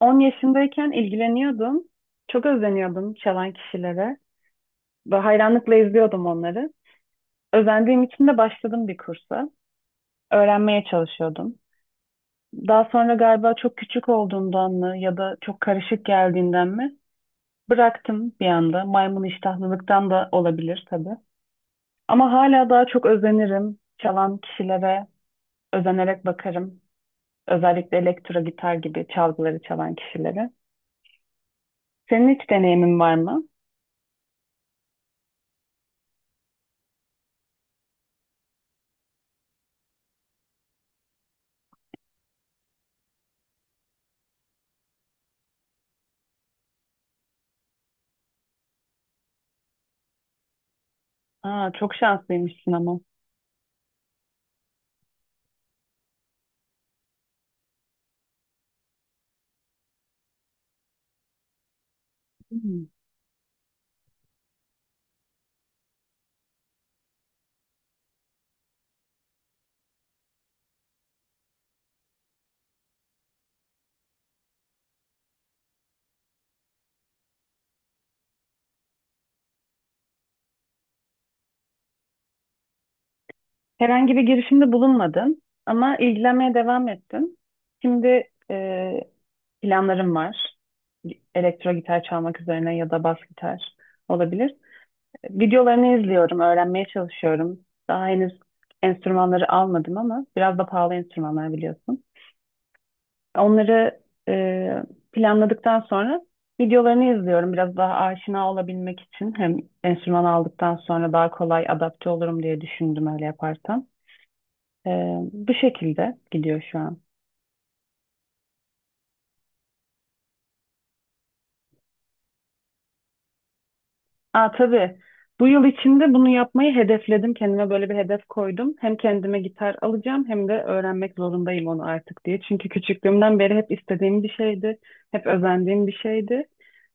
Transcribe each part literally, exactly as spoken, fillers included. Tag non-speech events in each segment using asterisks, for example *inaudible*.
on yaşındayken ilgileniyordum. Çok özeniyordum çalan kişilere. Ve hayranlıkla izliyordum onları. Özendiğim için de başladım bir kursa. Öğrenmeye çalışıyordum. Daha sonra galiba çok küçük olduğundan mı ya da çok karışık geldiğinden mi bıraktım bir anda. Maymun iştahlılıktan da olabilir tabii. Ama hala daha çok özenirim. Çalan kişilere özenerek bakarım. Özellikle elektro gitar gibi çalgıları çalan kişilere. Senin hiç deneyimin var mı? Aa, çok şanslıymışsın ama. Hmm. Herhangi bir girişimde bulunmadım ama ilgilenmeye devam ettim. Şimdi e, planlarım var. Elektro gitar çalmak üzerine ya da bas gitar olabilir. Videolarını izliyorum, öğrenmeye çalışıyorum. Daha henüz enstrümanları almadım ama biraz da pahalı enstrümanlar biliyorsun. Onları e, planladıktan sonra videolarını izliyorum. Biraz daha aşina olabilmek için hem enstrüman aldıktan sonra daha kolay adapte olurum diye düşündüm öyle yaparsam. Ee, Bu şekilde gidiyor şu an. Aa tabii. Bu yıl içinde bunu yapmayı hedefledim. Kendime böyle bir hedef koydum. Hem kendime gitar alacağım hem de öğrenmek zorundayım onu artık diye. Çünkü küçüklüğümden beri hep istediğim bir şeydi. Hep özendiğim bir şeydi.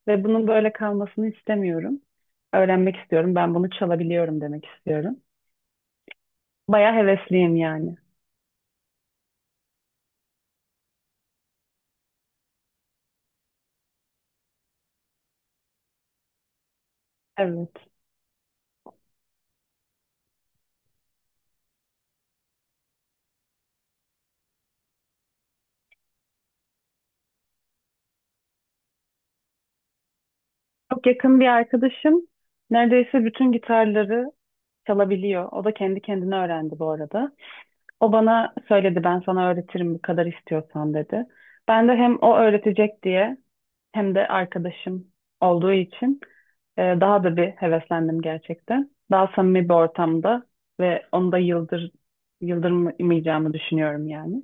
Ve bunun böyle kalmasını istemiyorum. Öğrenmek istiyorum. Ben bunu çalabiliyorum demek istiyorum. Baya hevesliyim yani. Evet. Çok yakın bir arkadaşım neredeyse bütün gitarları çalabiliyor. O da kendi kendine öğrendi bu arada. O bana söyledi ben sana öğretirim bu kadar istiyorsan dedi. Ben de hem o öğretecek diye hem de arkadaşım olduğu için e, daha da bir heveslendim gerçekten. Daha samimi bir ortamda ve onu da yıldır, yıldırmayacağımı düşünüyorum yani.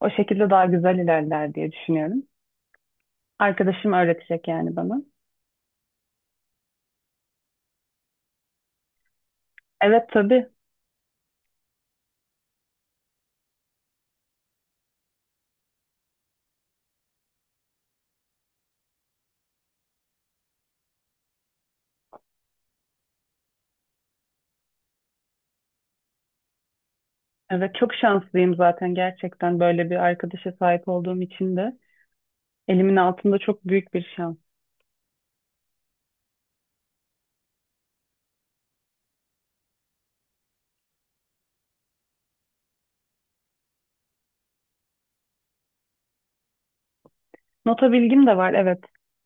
O şekilde daha güzel ilerler diye düşünüyorum. Arkadaşım öğretecek yani bana. Evet tabii. Evet çok şanslıyım zaten gerçekten böyle bir arkadaşa sahip olduğum için de elimin altında çok büyük bir şans. Nota bilgim de var, evet.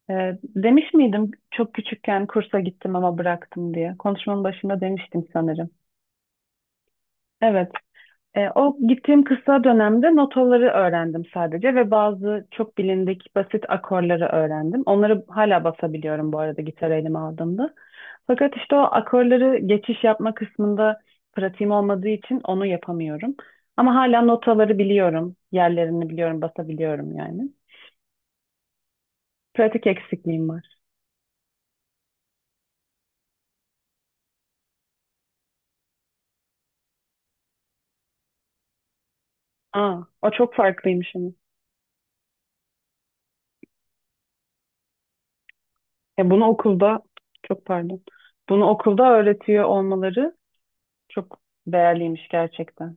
Ee, demiş miydim çok küçükken kursa gittim ama bıraktım diye. Konuşmanın başında demiştim sanırım. Evet. E, o gittiğim kısa dönemde notaları öğrendim sadece ve bazı çok bilindik basit akorları öğrendim. Onları hala basabiliyorum bu arada gitar elime aldığımda. Fakat işte o akorları geçiş yapma kısmında pratiğim olmadığı için onu yapamıyorum. Ama hala notaları biliyorum, yerlerini biliyorum, basabiliyorum yani. Pratik eksikliğim var. Aa, o çok farklıymış ama. Ya bunu okulda çok pardon. Bunu okulda öğretiyor olmaları çok değerliymiş gerçekten.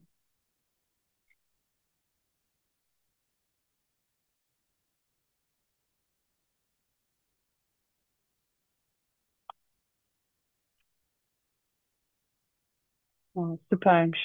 Aa, süpermiş.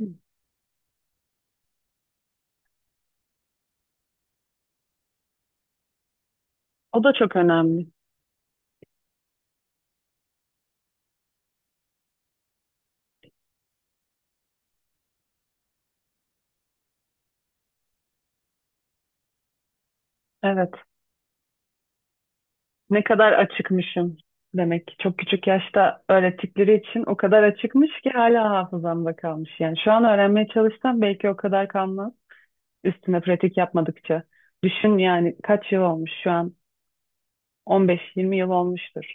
Hı. O da çok önemli. Evet. Ne kadar açıkmışım demek ki. Çok küçük yaşta öğrettikleri için o kadar açıkmış ki hala hafızamda kalmış. Yani şu an öğrenmeye çalışsam belki o kadar kalmaz. Üstüne pratik yapmadıkça. Düşün yani kaç yıl olmuş şu an? on beş yirmi yıl olmuştur.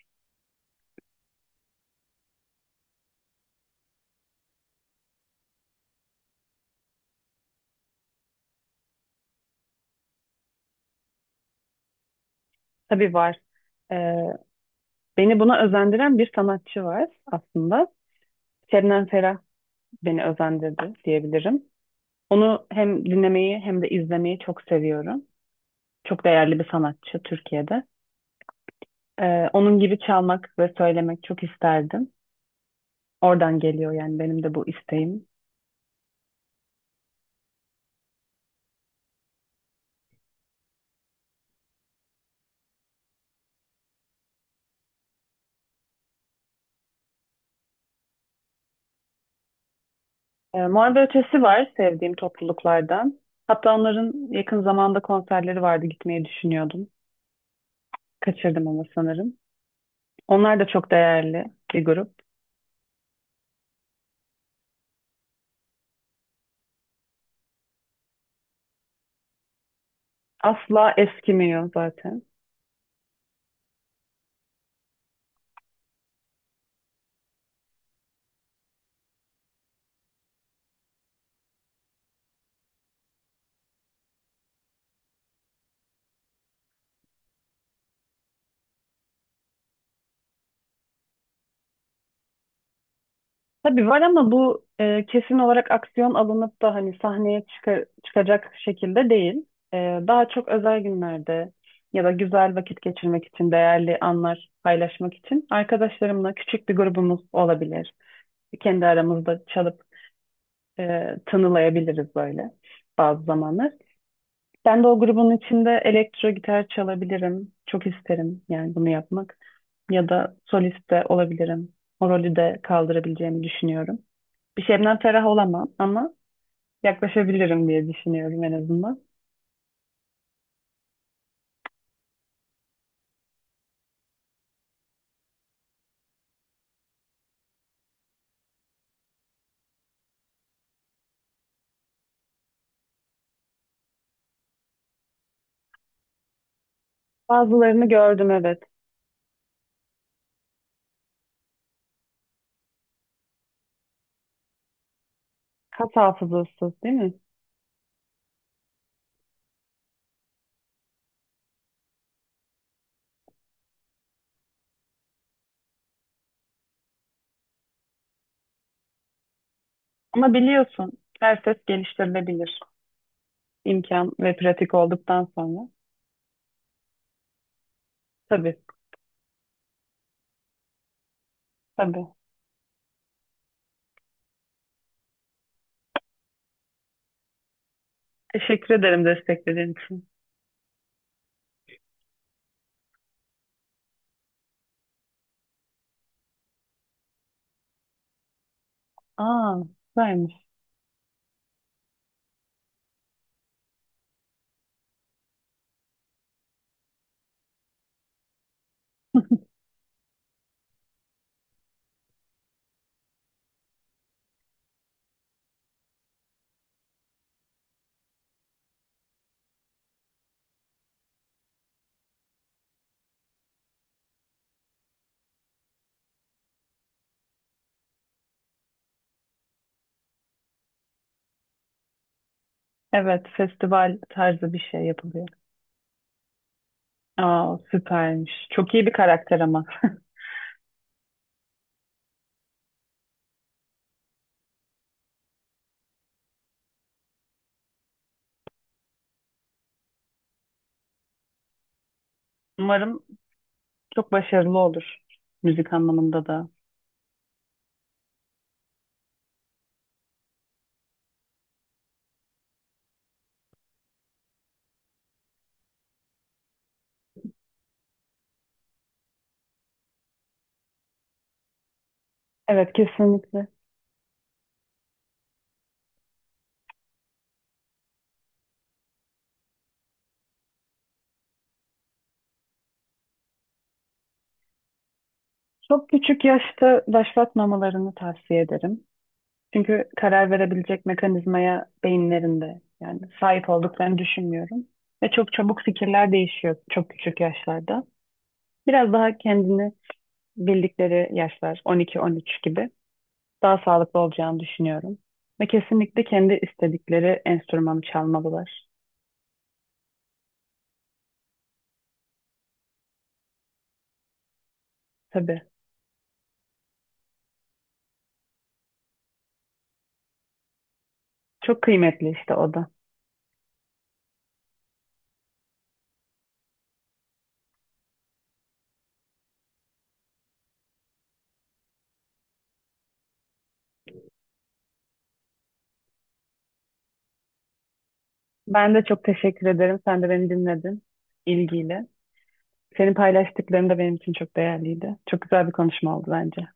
Tabii var. Ee, Beni buna özendiren bir sanatçı var aslında. Şebnem Ferah beni özendirdi diyebilirim. Onu hem dinlemeyi hem de izlemeyi çok seviyorum. Çok değerli bir sanatçı Türkiye'de. Ee, onun gibi çalmak ve söylemek çok isterdim. Oradan geliyor yani benim de bu isteğim. E, Muharebe Ötesi var sevdiğim topluluklardan. Hatta onların yakın zamanda konserleri vardı gitmeyi düşünüyordum. Kaçırdım ama sanırım. Onlar da çok değerli bir grup. Asla eskimiyor zaten. Tabii var ama bu e, kesin olarak aksiyon alınıp da hani sahneye çıka- çıkacak şekilde değil. E, Daha çok özel günlerde ya da güzel vakit geçirmek için, değerli anlar paylaşmak için arkadaşlarımla küçük bir grubumuz olabilir. Kendi aramızda çalıp e, tınılayabiliriz böyle bazı zamanlar. Ben de o grubun içinde elektro gitar çalabilirim. Çok isterim yani bunu yapmak. Ya da solist de olabilirim. O rolü de kaldırabileceğimi düşünüyorum. Bir şeyimden ferah olamam ama yaklaşabilirim diye düşünüyorum en azından. Bazılarını gördüm evet. Kas hafızası değil mi? Ama biliyorsun her ses geliştirilebilir. İmkan ve pratik olduktan sonra. Tabii, tabii. Teşekkür ederim desteklediğin için. Aa, süpermiş. Evet, festival tarzı bir şey yapılıyor. Aa, süpermiş. Çok iyi bir karakter ama. *laughs* Umarım çok başarılı olur müzik anlamında da. Evet, kesinlikle. Çok küçük yaşta başlatmamalarını tavsiye ederim. Çünkü karar verebilecek mekanizmaya beyinlerinde yani sahip olduklarını düşünmüyorum. Ve çok çabuk fikirler değişiyor çok küçük yaşlarda. Biraz daha kendini bildikleri yaşlar on iki on üç gibi daha sağlıklı olacağını düşünüyorum. Ve kesinlikle kendi istedikleri enstrümanı çalmalılar. Tabii. Çok kıymetli işte o da. Ben de çok teşekkür ederim. Sen de beni dinledin ilgiyle. Senin paylaştıkların da benim için çok değerliydi. Çok güzel bir konuşma oldu bence.